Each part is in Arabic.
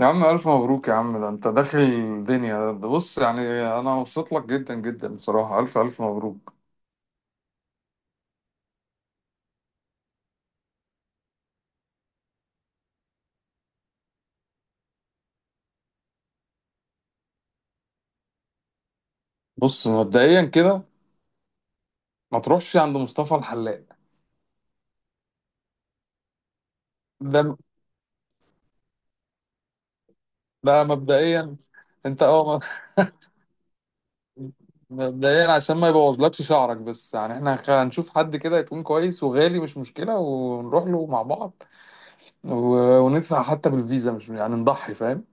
يا عم ألف مبروك يا عم، ده أنت داخل الدنيا، ده بص يعني. أنا مبسوط لك جدا جدا بصراحة، ألف ألف مبروك. بص مبدئيا كده ما تروحش عند مصطفى الحلاق. ده ده مبدئيا. أنت مبدئيا عشان ما يبوظلكش شعرك، بس يعني إحنا هنشوف حد كده يكون كويس، وغالي مش مشكلة، ونروح له مع بعض وندفع حتى بالفيزا، مش يعني نضحي، فاهم.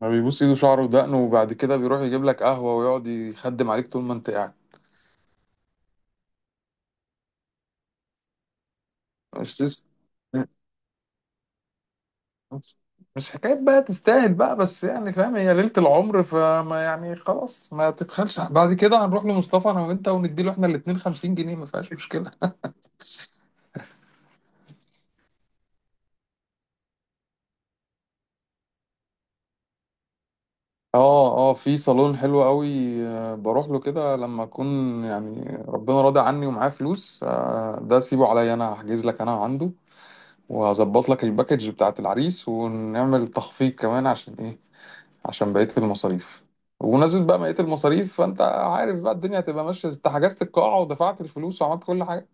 ما بيبوس إيده شعره ودقنه وبعد كده بيروح يجيب لك قهوة ويقعد يخدم عليك طول ما أنت قاعد. مش تست مش مش حكاية بقى تستاهل بقى، بس يعني فاهم، هي ليلة العمر، فما يعني خلاص ما تبخلش. بعد كده هنروح لمصطفى انا وانت ونديله احنا الاتنين خمسين جنيه، ما فيهاش مشكلة. اه اه، في صالون حلو قوي. بروح له كده لما اكون يعني ربنا راضي عني ومعايا فلوس. ده سيبه عليا، انا هحجز لك انا عنده، وهظبط لك الباكج بتاعت العريس ونعمل تخفيض كمان. عشان ايه؟ عشان بقية المصاريف. وبمناسبة بقى بقية المصاريف، فأنت عارف بقى الدنيا هتبقى ماشية، أنت حجزت القاعة ودفعت الفلوس وعملت كل حاجة.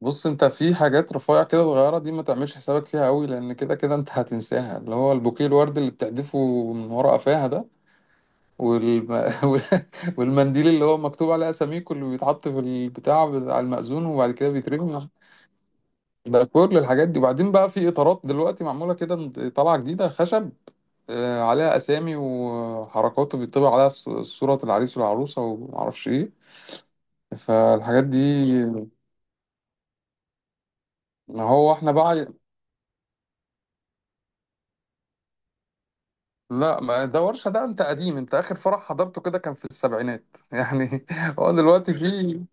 بص، أنت في حاجات رفيع كده صغيرة دي ما تعملش حسابك فيها قوي، لأن كده كده أنت هتنساها، اللي هو البوكيه الورد اللي بتحدفه من ورا قفاها ده، والم... وال- والمنديل اللي هو مكتوب عليه أساميكو اللي بيتحط في البتاع بتاع المأذون وبعد كده بيترمي. ده كل الحاجات دي. وبعدين بقى، في إطارات دلوقتي معمولة كده طالعة جديدة خشب، عليها اسامي وحركاته، بيطبع عليها صورة العريس والعروسة ومعرفش ايه. فالحاجات دي ما هو احنا بقى. لا، ما ده ورشة، ده انت قديم، انت اخر فرح حضرته كده كان في السبعينات يعني. هو دلوقتي في.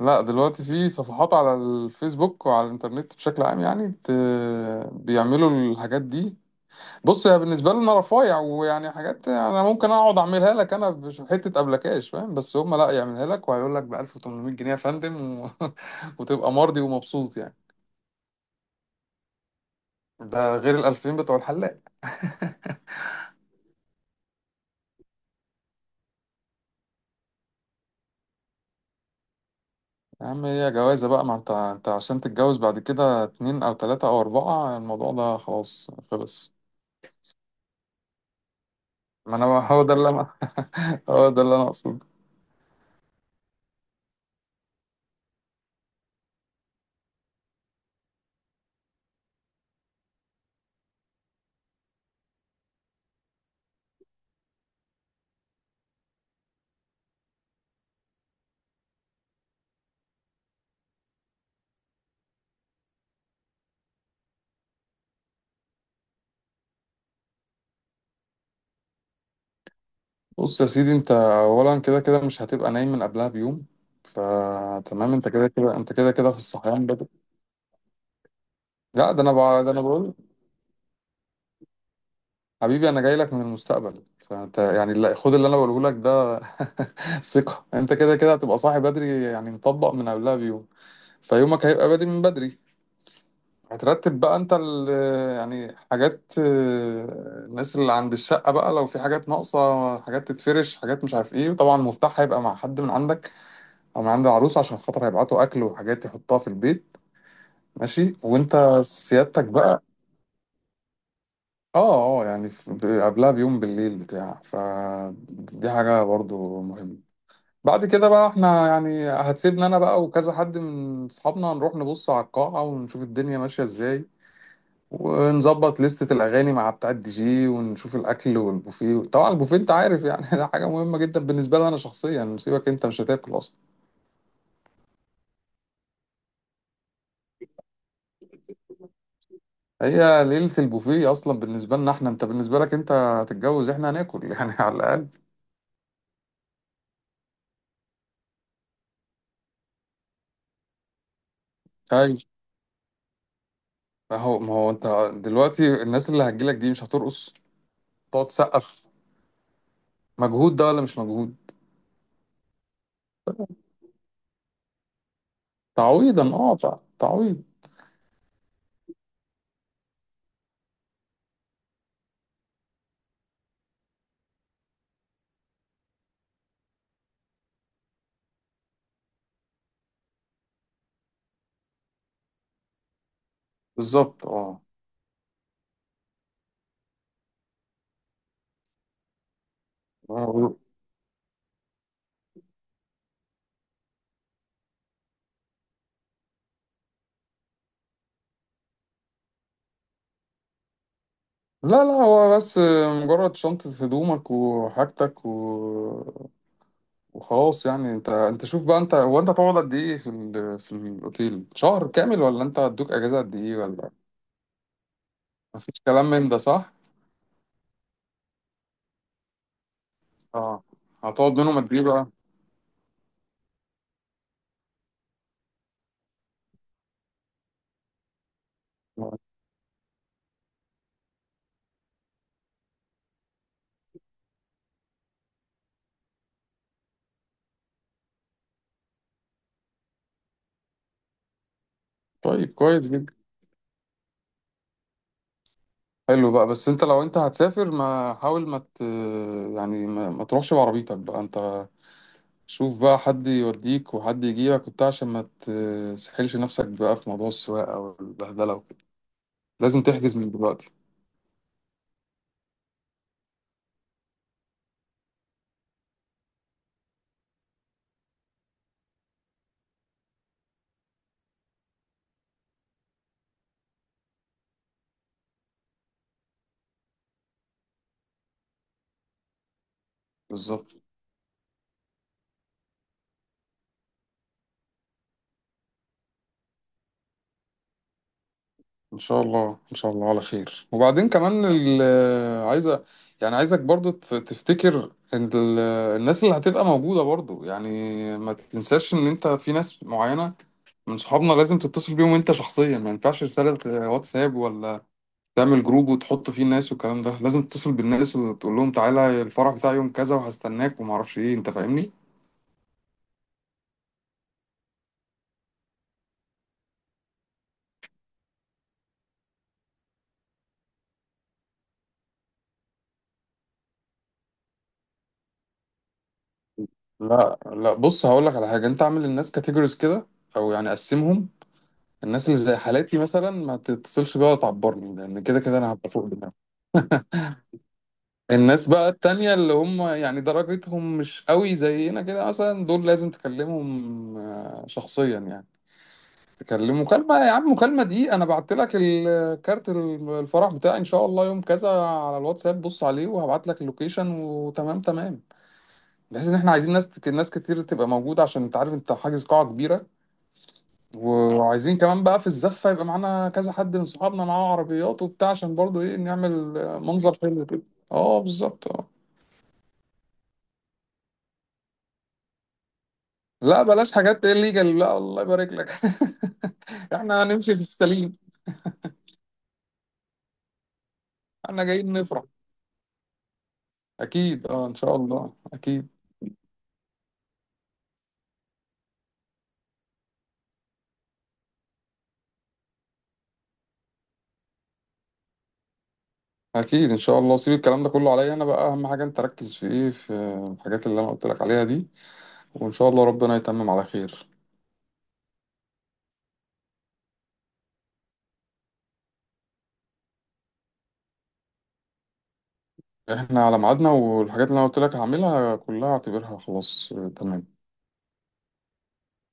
لا، دلوقتي في صفحات على الفيسبوك وعلى الانترنت بشكل عام يعني بيعملوا الحاجات دي. بص، هي بالنسبه لنا رفايع ويعني حاجات انا ممكن اقعد اعملها لك انا بحته ابلكاش، فاهم؟ بس هم لا، يعملها لك وهيقول لك ب 1800 جنيه يا فندم، و... وتبقى مرضي ومبسوط يعني. ده غير ال 2000 بتوع الحلاق. يا عم هي جوازه بقى، ما انت عشان تتجوز بعد كده اتنين او تلاته او اربعه الموضوع ده خلاص خلص. ما انا هو ده اللي انا هو ده اللي انا اقصده. بص يا سيدي، انت اولا كده كده مش هتبقى نايم من قبلها بيوم، فتمام، انت كده كده، انت كده كده في الصحيان. لا، ده انا بقول، حبيبي انا جاي لك من المستقبل، فانت يعني لا، خد اللي انا بقوله لك ده. ثقة، انت كده كده هتبقى صاحي بدري، يعني مطبق من قبلها بيوم، فيومك هيبقى بادئ من بدري. هترتب بقى انت ال، يعني حاجات، الناس اللي عند الشقة بقى لو في حاجات ناقصة، حاجات تتفرش، حاجات مش عارف ايه، وطبعا المفتاح هيبقى مع حد من عندك او من عند العروسة عشان خاطر هيبعتوا اكل وحاجات يحطها في البيت. ماشي. وانت سيادتك بقى اه اه، يعني قبلها بيوم بالليل بتاع، فدي حاجة برضو مهمة. بعد كده بقى احنا يعني هتسيبنا انا بقى وكذا حد من اصحابنا نروح نبص على القاعة ونشوف الدنيا ماشية ازاي، ونظبط لستة الاغاني مع بتاع الدي جي، ونشوف الاكل والبوفيه. طبعا البوفيه انت عارف يعني ده حاجة مهمة جدا بالنسبة لي انا شخصيا، سيبك انت مش هتاكل اصلا. هي ليلة البوفيه اصلا بالنسبة لنا احنا، انت بالنسبة لك انت هتتجوز، احنا هناكل يعني على الاقل. ايوه، ما هو انت دلوقتي الناس اللي هتجيلك دي مش هترقص، تقعد تسقف. مجهود ده ولا مش مجهود؟ تعويضا اه تعويض. بالظبط اه. هو- لا لا هو بس مجرد شنطة هدومك وحاجتك وخلاص يعني. انت، انت شوف بقى، انت هو انت هتقعد قد ايه في في الاوتيل؟ شهر كامل، ولا انت هتدوك اجازة قد ايه، ولا مفيش كلام من ده صح؟ اه. هتقعد منهم قد ايه بقى؟ طيب كويس جدا. حلو بقى. بس انت لو انت هتسافر، ما حاول ما ت... يعني ما تروحش بعربيتك بقى انت. شوف بقى حد يوديك وحد يجيبك وبتاع، عشان ما تسحلش نفسك بقى في موضوع السواقة والبهدلة وكده. لازم تحجز من دلوقتي. بالظبط. ان شاء الله ان شاء الله على خير. وبعدين كمان عايزة يعني عايزك برضو تفتكر ان الناس اللي هتبقى موجودة، برضو يعني ما تنساش ان انت في ناس معينة من صحابنا لازم تتصل بيهم انت شخصيا، ما ينفعش رسالة واتساب، ولا تعمل جروب وتحط فيه الناس والكلام ده، لازم تتصل بالناس وتقول لهم تعالى الفرح بتاعي يوم كذا وهستناك وما اعرفش ايه، انت فاهمني. لا لا، بص هقول لك على حاجه، انت اعمل للناس كاتيجوريز كده، او يعني قسمهم. الناس اللي زي حالاتي مثلا ما تتصلش بيها وتعبرني، لان كده كده انا هبقى فوق دماغي. الناس بقى التانية اللي هم يعني درجتهم مش قوي زينا كده مثلا، دول لازم تكلمهم شخصيا يعني. تكلم مكالمة، يا عم مكالمة، دي أنا بعت لك الكارت الفرح بتاعي إن شاء الله يوم كذا على الواتساب، بص عليه، وهبعت لك اللوكيشن وتمام تمام. بحيث إن إحنا عايزين ناس كتير تبقى موجودة، عشان أنت عارف أنت حاجز قاعة كبيرة. وعايزين كمان بقى في الزفة يبقى معانا كذا حد من صحابنا معاه عربيات وبتاع، عشان برضو إيه نعمل منظر حلو كده. أه، بالظبط أه. لا بلاش حاجات الليجال، لا، الله يبارك لك. إحنا هنمشي في السليم. إحنا جايين نفرح. أكيد أه إن شاء الله أكيد. اكيد ان شاء الله. سيب الكلام ده كله عليا انا بقى، اهم حاجه انت ركز في ايه، في الحاجات اللي انا قلت لك عليها دي، وان شاء الله ربنا يتمم على خير. احنا على ميعادنا، والحاجات اللي انا قلت لك هعملها كلها اعتبرها خلاص. تمام